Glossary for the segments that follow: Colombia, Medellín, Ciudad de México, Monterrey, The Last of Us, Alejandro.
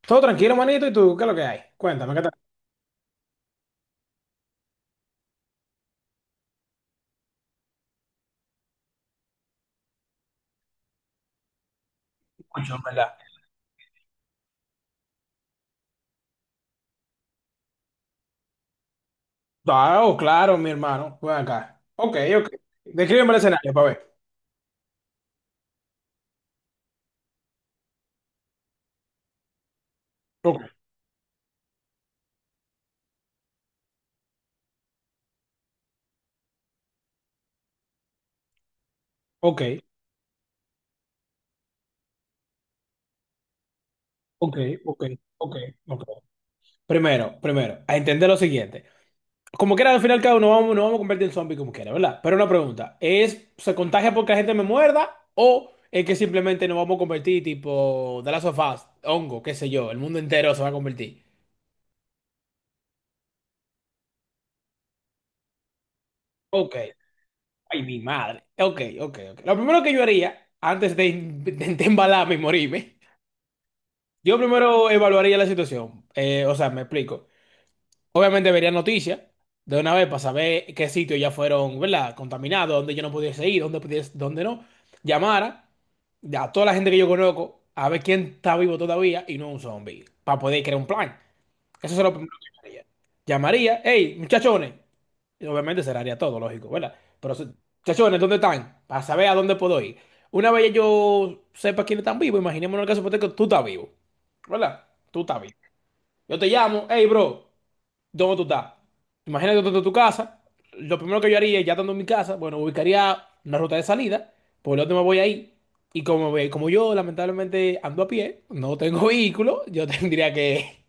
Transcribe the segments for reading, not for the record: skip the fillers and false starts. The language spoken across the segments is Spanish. Todo tranquilo, manito. ¿Y tú qué es lo que hay? Cuéntame, ¿qué tal? Mucho, en ¿verdad? Ah, oh, claro, mi hermano. Ven acá. Ok, ok. Descríbeme el escenario para ver. Ok, ok, ok, ok, ok, ok. Primero, primero, a entender lo siguiente. Como quiera, al final, cada uno nos vamos a convertir en zombie como quiera, ¿verdad? Pero una pregunta, ¿ se contagia porque la gente me muerda o es que simplemente nos vamos a convertir tipo The Last of Us, hongo, qué sé yo, el mundo entero se va a convertir? Ok. Ay, mi madre. Ok, ok, ok. Lo primero que yo haría, antes de embalarme y morirme, yo primero evaluaría la situación. O sea, me explico. Obviamente vería noticias de una vez para saber qué sitios ya fueron, ¿verdad? Contaminados, dónde yo no pudiese ir, dónde pudiese, dónde no. Llamara a toda la gente que yo conozco a ver quién está vivo todavía y no un zombie, para poder crear un plan. Eso es lo primero que yo haría. Llamaría, hey, muchachones. Y obviamente cerraría todo, lógico, ¿verdad? Pero, chachones, ¿dónde están? Para saber a dónde puedo ir. Una vez ya yo sepa quiénes están vivos, imaginémonos el caso hipotético, tú estás vivo, ¿verdad? Tú estás vivo. Yo te llamo, hey, bro, ¿dónde tú estás? Imagínate tú estás en tu casa. Lo primero que yo haría, ya estando en mi casa, bueno, ubicaría una ruta de salida, por lo tanto me voy ahí. Y como yo, lamentablemente, ando a pie, no tengo vehículo, yo tendría que.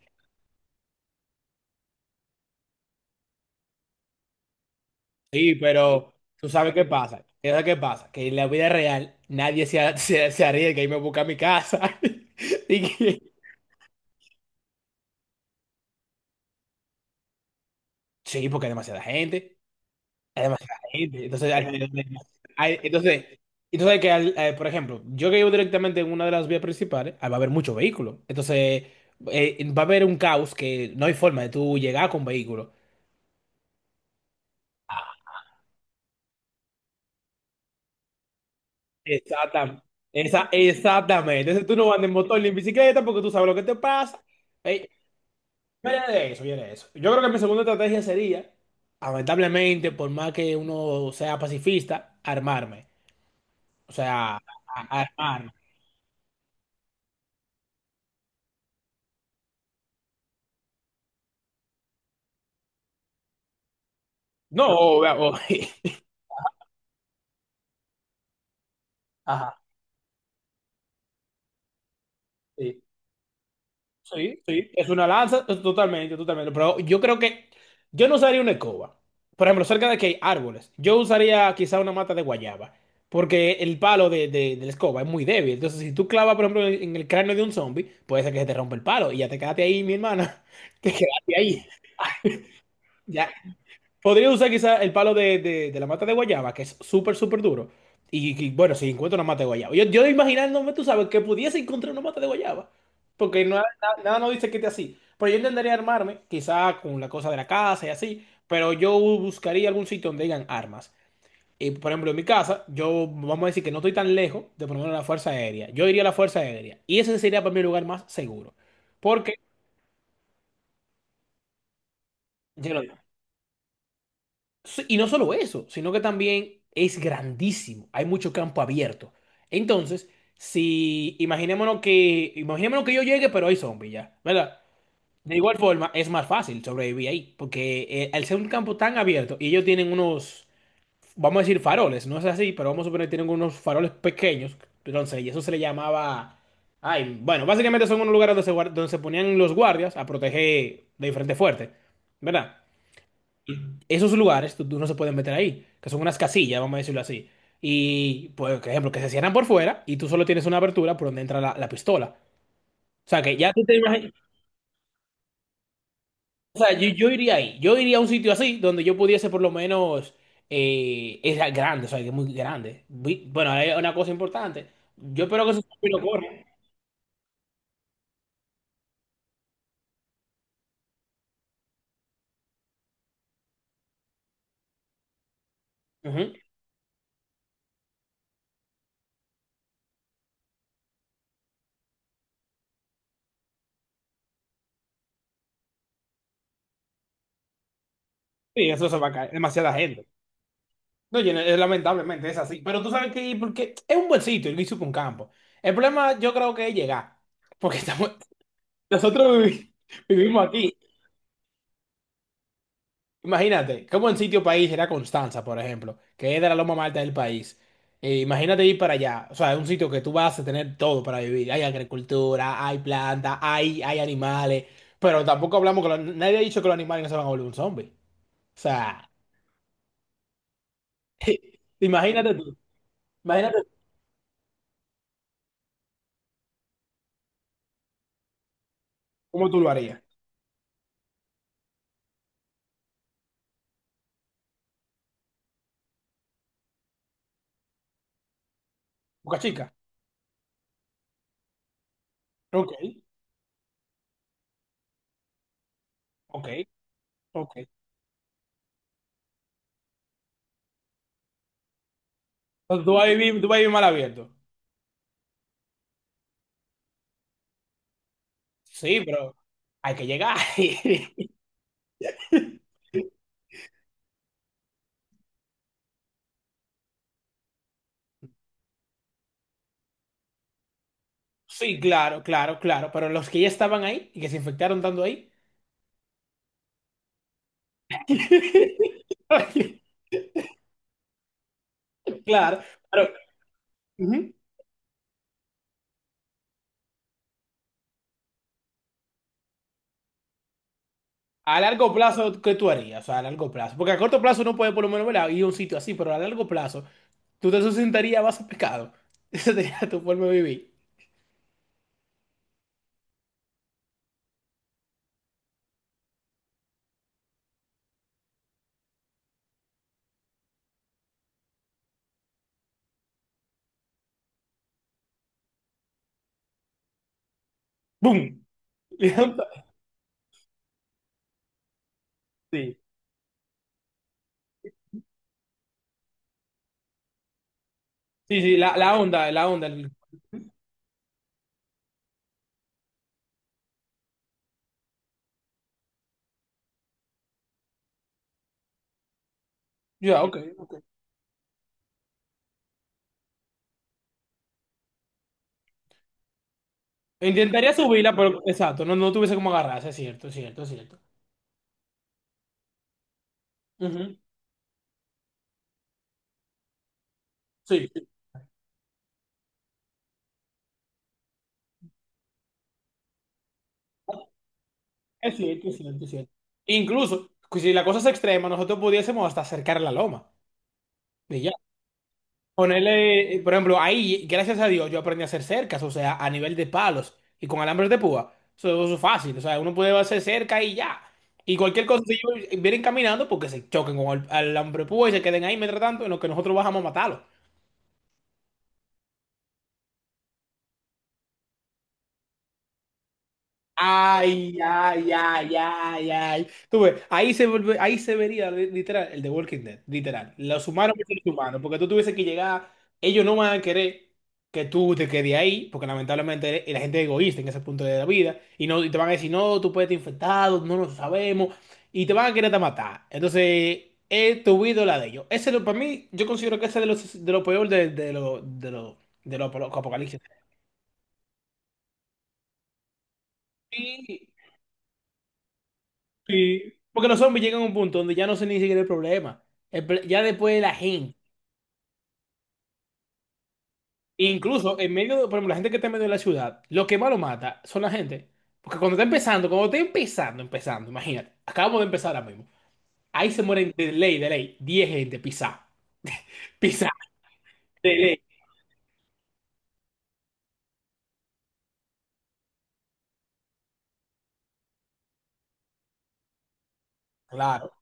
Sí, pero tú sabes qué pasa. ¿Qué sabes qué pasa? Que en la vida real nadie se arriesga y me busca a mi casa. Y que. Sí, porque hay demasiada gente. Hay demasiada gente. Hay- entonces, entonces, por ejemplo, yo que vivo directamente en una de las vías principales, va a haber muchos vehículos. Entonces, va a haber un caos que no hay forma de tú llegar con vehículos. Exactamente. Esa, exactamente. Entonces tú no andas en motor ni en bicicleta porque tú sabes lo que te pasa. Yo de eso, yo era de eso. Yo creo que mi segunda estrategia sería, lamentablemente, por más que uno sea pacifista, armarme. O sea, armarme. No, o- Ajá, sí. Sí, sí, es una lanza, es totalmente, totalmente. Pero yo creo que yo no usaría una escoba. Por ejemplo, cerca de que hay árboles, yo usaría quizá una mata de guayaba. Porque el palo de la escoba es muy débil. Entonces, si tú clavas, por ejemplo, en el cráneo de un zombie, puede ser que se te rompa el palo y ya te quedaste ahí, mi hermana. Te quedaste ahí. Ya, podría usar quizá el palo de la mata de guayaba, que es súper, súper duro. Y, bueno, si encuentro una mata de guayaba. Yo imaginándome, tú sabes, que pudiese encontrar una mata de guayaba. Porque no, nada nos dice que esté así. Pero yo intentaría armarme, quizá con la cosa de la casa y así. Pero yo buscaría algún sitio donde digan armas. Y, por ejemplo, en mi casa, yo vamos a decir que no estoy tan lejos de por lo menos la Fuerza Aérea. Yo iría a la Fuerza Aérea. Y ese sería para mí el lugar más seguro. Porque, yo lo digo. Sí, y no solo eso, sino que también es grandísimo. Hay mucho campo abierto. Entonces, si imaginémonos que yo llegue, pero hay zombies ya, ¿verdad? De igual forma, es más fácil sobrevivir ahí, porque al ser un campo tan abierto y ellos tienen unos, vamos a decir faroles, no es así, pero vamos a suponer que tienen unos faroles pequeños, entonces, y eso se le llamaba, ay, bueno, básicamente son unos lugares donde se ponían los guardias a proteger de diferentes fuertes, ¿verdad? Esos lugares tú no se pueden meter ahí, que son unas casillas, vamos a decirlo así. Y, pues, por ejemplo, que se cierran por fuera y tú solo tienes una abertura por donde entra la pistola. O sea, que ya tú te imaginas. O sea, yo iría ahí. Yo iría a un sitio así donde yo pudiese, por lo menos, es grande, o sea, que es muy grande. Bueno, hay una cosa importante. Yo espero que eso lo corran. Ujú. Sí, eso se va a caer. Demasiada gente. No, yo no- lamentablemente es así. Pero tú sabes que, porque es un buen sitio, el Guisupa un campo. El problema yo creo que es llegar. Porque estamos. Nosotros vivimos aquí. Imagínate, como en sitio país era Constanza, por ejemplo, que es de la loma más alta del país. E imagínate ir para allá. O sea, es un sitio que tú vas a tener todo para vivir. Hay agricultura, hay plantas, hay animales. Pero tampoco hablamos que nadie ha dicho que los animales no se van a volver un zombie. O sea, imagínate tú. Imagínate cómo tú lo harías. Boca chica. Ok, ok, ok. Entonces tú vas a vivir, mal abierto. Sí, pero hay que llegar. Sí, claro, claro, claro, pero los que ya estaban ahí y que se infectaron tanto ahí. Claro, pero ujú, a largo plazo, ¿qué tú harías? O sea, a largo plazo. Porque a corto plazo no puede por lo menos ¿verdad? Ir a un sitio así, pero a largo plazo, tú te sustentarías a base de pescado. Esa sería tu forma de vivir. ¡Bum! Sí, sí, sí, la onda, la onda. El. Ya, ok, ok. Intentaría subirla, pero exacto, no, no tuviese como agarrarse, es cierto, es cierto, es cierto. Ujú. Sí. Es cierto, es cierto, es cierto. Incluso, pues, si la cosa es extrema, nosotros pudiésemos hasta cercar la loma. Y ya. Ponerle, por ejemplo, ahí, gracias a Dios, yo aprendí a hacer cercas, o sea, a nivel de palos y con alambres de púa. Eso es fácil, o sea, uno puede hacer cerca y ya. Y cualquier cosa, si ellos vienen caminando, porque se choquen con el alambre de púa y se queden ahí mientras tanto, en lo que nosotros bajamos a matarlos. Ay, ay, ay, ay, ay. Tú ves, ahí se vería literal el de Walking Dead, literal. Los humanos versus los humanos, porque tú tuviese que llegar, ellos no van a querer que tú te quedes ahí, porque lamentablemente la gente es egoísta en ese punto de la vida, y no y te van a decir, no, tú puedes estar infectado, no lo sabemos, y te van a querer hasta matar. Entonces, es tu vida o la de ellos. Para mí, yo considero que ese es de los de lo peor de lo apocalipsis. Sí, porque los zombies llegan a un punto donde ya no sé ni siquiera el problema. Ya después la gente, incluso en medio, por ejemplo, la gente que está en medio de la ciudad, lo que más lo mata son la gente. Porque cuando está empezando, imagínate, acabamos de empezar ahora mismo. Ahí se mueren de ley, 10 gente pisá. Pisá, de ley. Claro.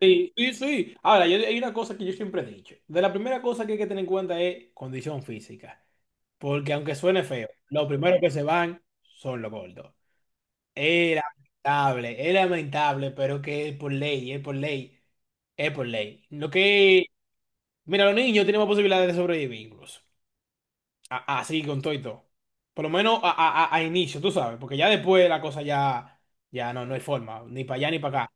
Sí, sí, sí. Ahora, hay una cosa que yo siempre he dicho. De la primera cosa que hay que tener en cuenta es condición física. Porque aunque suene feo, los primeros que se van son los gordos. Es lamentable, pero que es por ley, es por ley, es por ley. Mira, los niños tenemos posibilidades de sobrevivir incluso. Así, con todo y todo. Por lo menos a inicio, tú sabes, porque ya después la cosa ya no hay forma, ni para allá ni para acá.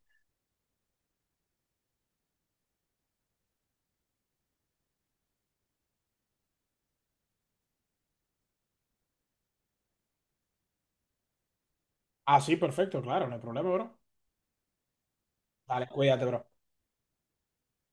Ah, sí, perfecto, claro, no hay problema, bro. Dale, cuídate, bro.